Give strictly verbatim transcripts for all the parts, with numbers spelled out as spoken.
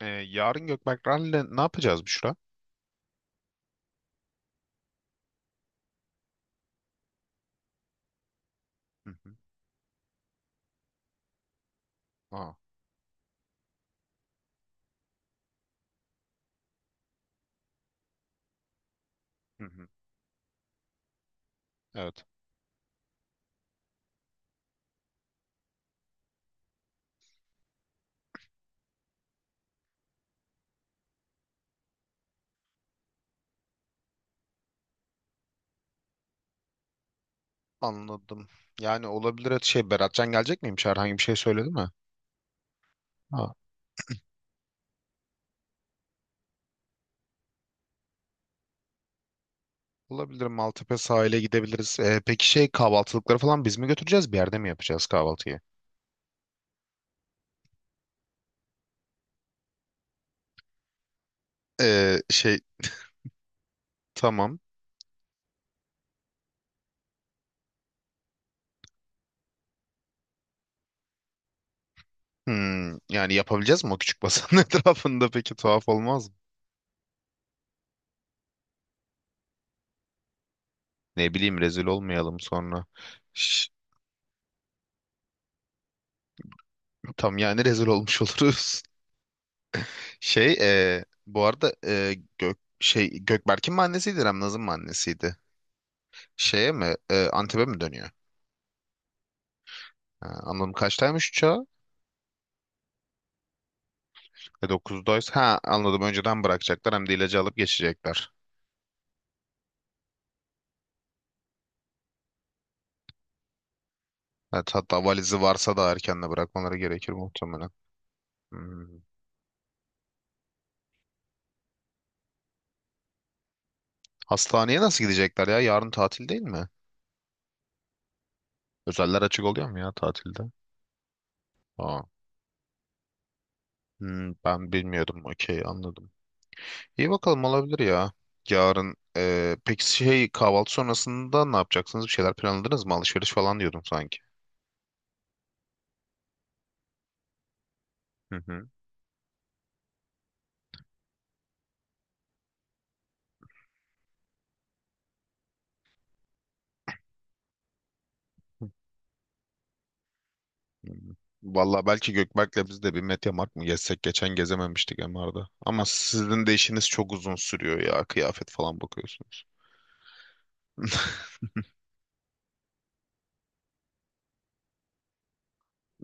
Ee, yarın Gökberk Rally'le ne yapacağız, Büşra? Hı hı. Aa. Hı hı. Evet. Anladım. Yani olabilir, et- şey Beratcan gelecek miymiş? Herhangi bir şey söyledi mi? Ha. Olabilir, Maltepe sahile gidebiliriz. Ee, peki, şey kahvaltılıkları falan biz mi götüreceğiz? Bir yerde mi yapacağız kahvaltıyı? Ee, şey tamam. Hmm, yani yapabileceğiz mi o küçük basanın etrafında, peki tuhaf olmaz mı? Ne bileyim, rezil olmayalım sonra. Şş, tam yani rezil olmuş oluruz. Şey e, bu arada, e, Gök şey Gökberk'in mi annesiydi, Remnaz'ın mı annesiydi? Şeye mi e, Antep'e mi dönüyor? Ha, anladım, kaçtaymış uçağı? E, dokuzdaysa ha anladım, önceden bırakacaklar, hem de ilacı alıp geçecekler. Evet, hatta valizi varsa da erken de bırakmaları gerekir muhtemelen. Hmm. Hastaneye nasıl gidecekler ya? Yarın tatil değil mi? Özeller açık oluyor mu ya tatilde? Aa. Hmm, ben bilmiyordum. Okey, anladım. İyi bakalım, olabilir ya. Yarın e, peki, şey kahvaltı sonrasında ne yapacaksınız? Bir şeyler planladınız mı? Alışveriş falan diyordum sanki. Hı hı. Hı. Vallahi belki Gökberk'le biz de bir Mediamarkt mı gezsek? Geçen gezememiştik MR'da. Ama sizin de işiniz çok uzun sürüyor ya. Kıyafet falan bakıyorsunuz.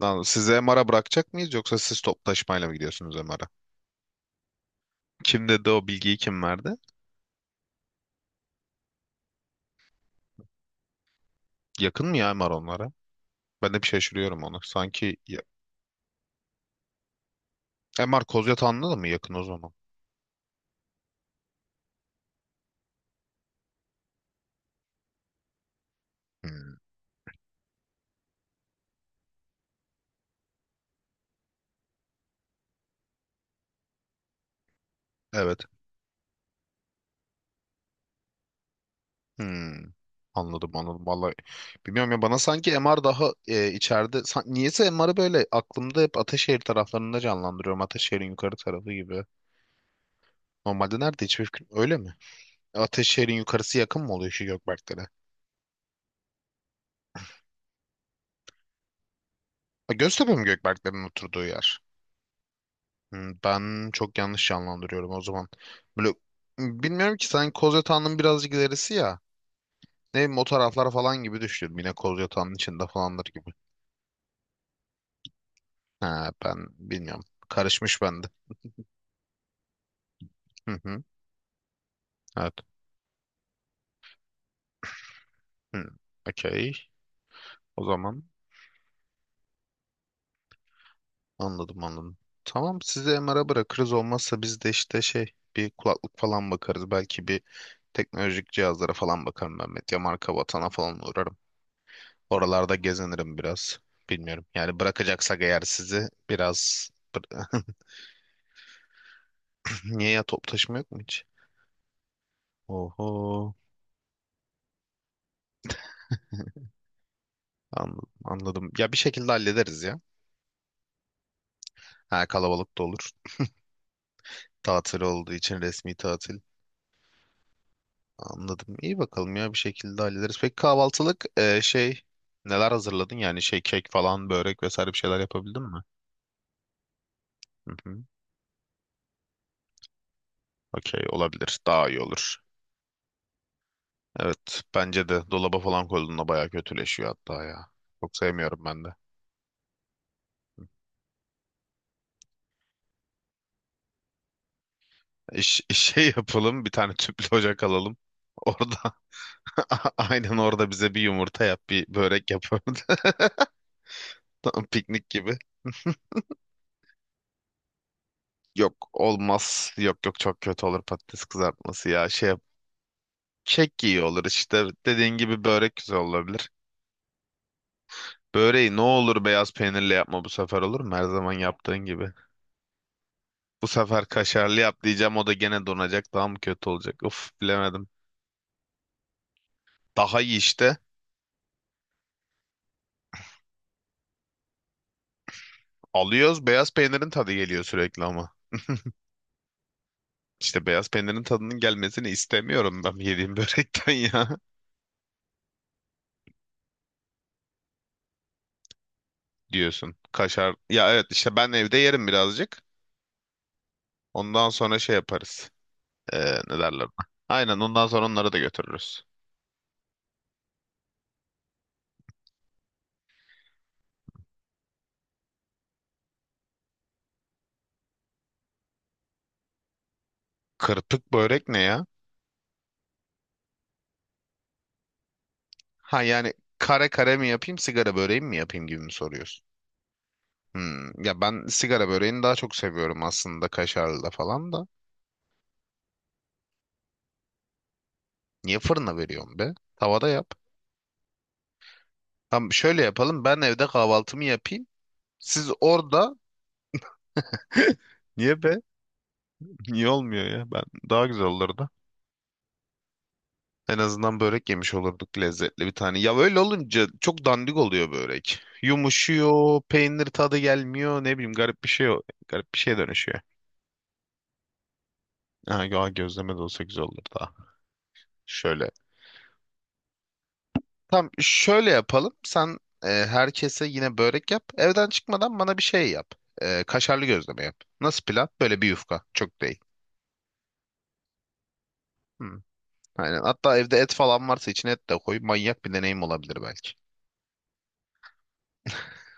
Lan, sizi MR'a bırakacak mıyız, yoksa siz toplu taşımayla mı gidiyorsunuz MR'a? Kim dedi o bilgiyi, kim verdi? Yakın mı ya MR onlara? Ben de bir şaşırıyorum onu. Sanki ya, MR Kozyatağı'nda da mı yakın o zaman? Hmm, evet. Hmm, anladım anladım. Vallahi bilmiyorum ya, bana sanki MR daha e, içeride. San- niyeyse MR'ı böyle aklımda hep Ataşehir taraflarında canlandırıyorum. Ataşehir'in yukarı tarafı gibi. Normalde nerede, hiçbir fikrim öyle mi? Ataşehir'in yukarısı yakın mı oluyor şu Gökberklere? Ha, Göztepe mi Gökberklerin oturduğu yer? Hmm, ben çok yanlış canlandırıyorum o zaman. Böyle bilmiyorum ki, sanki Kozyatağı'nın birazcık ilerisi ya. Ne bileyim, o taraflar falan gibi düşünüyorum. Yine Kozyatağı'nın içinde falandır gibi. Ha, ben bilmiyorum. Karışmış bende. Evet. Hmm. Okey. O zaman anladım, anladım. Tamam, sizi MR'a bırakırız olmazsa, biz de işte şey bir kulaklık falan bakarız. Belki bir teknolojik cihazlara falan bakarım ben. Medya marka vatana falan uğrarım. Oralarda gezinirim biraz. Bilmiyorum. Yani bırakacaksak eğer sizi biraz. Niye ya, top taşıma yok mu hiç? Oho. Anladım, anladım. Ya bir şekilde hallederiz ya. Ha, kalabalık da olur. Tatil olduğu için, resmi tatil. Anladım. İyi bakalım ya, bir şekilde hallederiz. Peki kahvaltılık e, şey neler hazırladın? Yani şey kek falan, börek vesaire, bir şeyler yapabildin mi? Hı hı. Okey, olabilir. Daha iyi olur. Evet, bence de dolaba falan koyduğunda bayağı kötüleşiyor hatta ya. Çok sevmiyorum ben de. İş, şey yapalım bir tane tüplü ocak alalım. Orada aynen, orada bize bir yumurta yap, bir börek yap orada. Tam piknik gibi. Yok, olmaz. Yok yok, çok kötü olur patates kızartması ya. Şey Kek iyi olur, işte dediğin gibi börek güzel olabilir. Böreği ne olur beyaz peynirle yapma bu sefer, olur mu? Her zaman yaptığın gibi. Bu sefer kaşarlı yap diyeceğim, o da gene donacak, daha mı kötü olacak? Uf, bilemedim. Daha iyi işte. Alıyoruz, beyaz peynirin tadı geliyor sürekli ama. İşte beyaz peynirin tadının gelmesini istemiyorum ben yediğim börekten ya diyorsun. Kaşar ya, evet, işte ben evde yerim birazcık. Ondan sonra şey yaparız. Ee, ne derler? Aynen, ondan sonra onları da götürürüz. Kırpık börek ne ya? Ha yani, kare kare mi yapayım, sigara böreği mi yapayım gibi mi soruyorsun? Hmm, ya ben sigara böreğini daha çok seviyorum aslında, kaşarlı da falan da. Niye fırına veriyorsun be? Tavada yap. Tamam, şöyle yapalım, ben evde kahvaltımı yapayım. Siz orada. Niye be? Niye olmuyor ya? Ben daha güzel olurdu. En azından börek yemiş olurduk, lezzetli bir tane. Ya öyle olunca çok dandik oluyor börek. Yumuşuyor, peynir tadı gelmiyor, ne bileyim garip bir şey, o- garip bir şeye dönüşüyor. Ha, ya gözleme de olsa güzel olurdu. Şöyle. Tam şöyle yapalım. Sen e, herkese yine börek yap. Evden çıkmadan bana bir şey yap. E, kaşarlı gözleme yap. Nasıl plan? Böyle bir yufka. Çok değil. Hmm. Aynen. Hatta evde et falan varsa, içine et de koy. Manyak bir deneyim olabilir belki.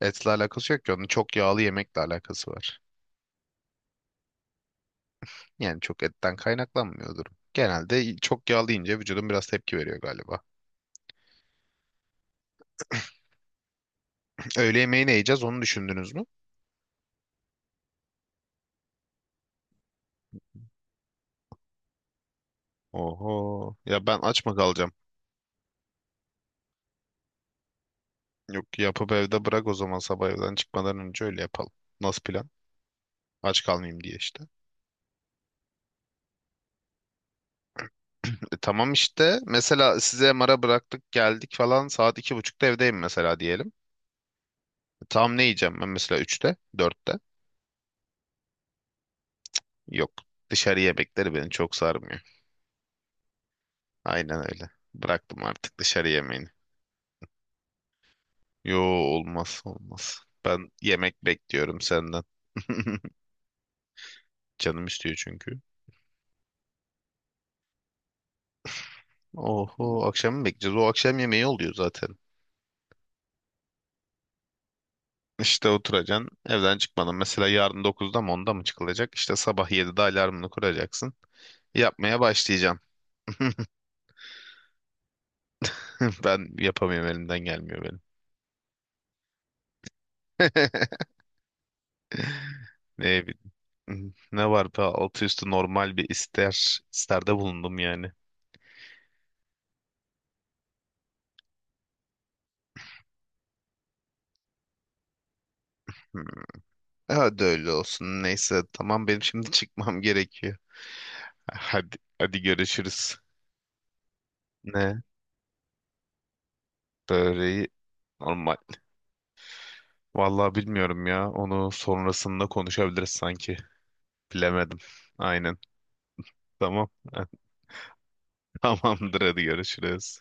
Etle alakası yok ki. Onun çok yağlı yemekle alakası var. Yani çok etten kaynaklanmıyor durum. Genelde çok yağlı yiyince vücudun biraz tepki veriyor galiba. Öğle yemeği ne yiyeceğiz, onu düşündünüz mü? Oho. Ya ben aç mı kalacağım? Yok, yapıp evde bırak o zaman, sabah evden çıkmadan önce öyle yapalım. Nasıl plan? Aç kalmayayım diye işte. E, tamam işte, mesela size mara bıraktık geldik falan, saat iki buçukta evdeyim mesela diyelim. E, tam ne yiyeceğim ben, mesela üçte dörtte? Yok, dışarı yemekleri beni çok sarmıyor. Aynen öyle. Bıraktım artık dışarı yemeğini. Yo, olmaz olmaz. Ben yemek bekliyorum senden. Canım istiyor çünkü. Oho, akşam mı bekleyeceğiz? O akşam yemeği oluyor zaten. İşte oturacaksın. Evden çıkmadan. Mesela yarın dokuzda mı onda mı çıkılacak? İşte sabah yedide alarmını kuracaksın. Yapmaya başlayacağım. Ben yapamıyorum, elimden gelmiyor benim. Ne, bi- ne var be, altı üstü normal bir ister isterde bulundum yani. Hmm, hadi öyle olsun. Neyse tamam, benim şimdi çıkmam gerekiyor. Hadi hadi, görüşürüz. Ne? Böreği normal. Vallahi bilmiyorum ya. Onu sonrasında konuşabiliriz sanki. Bilemedim. Aynen. Tamam. Tamamdır, hadi görüşürüz.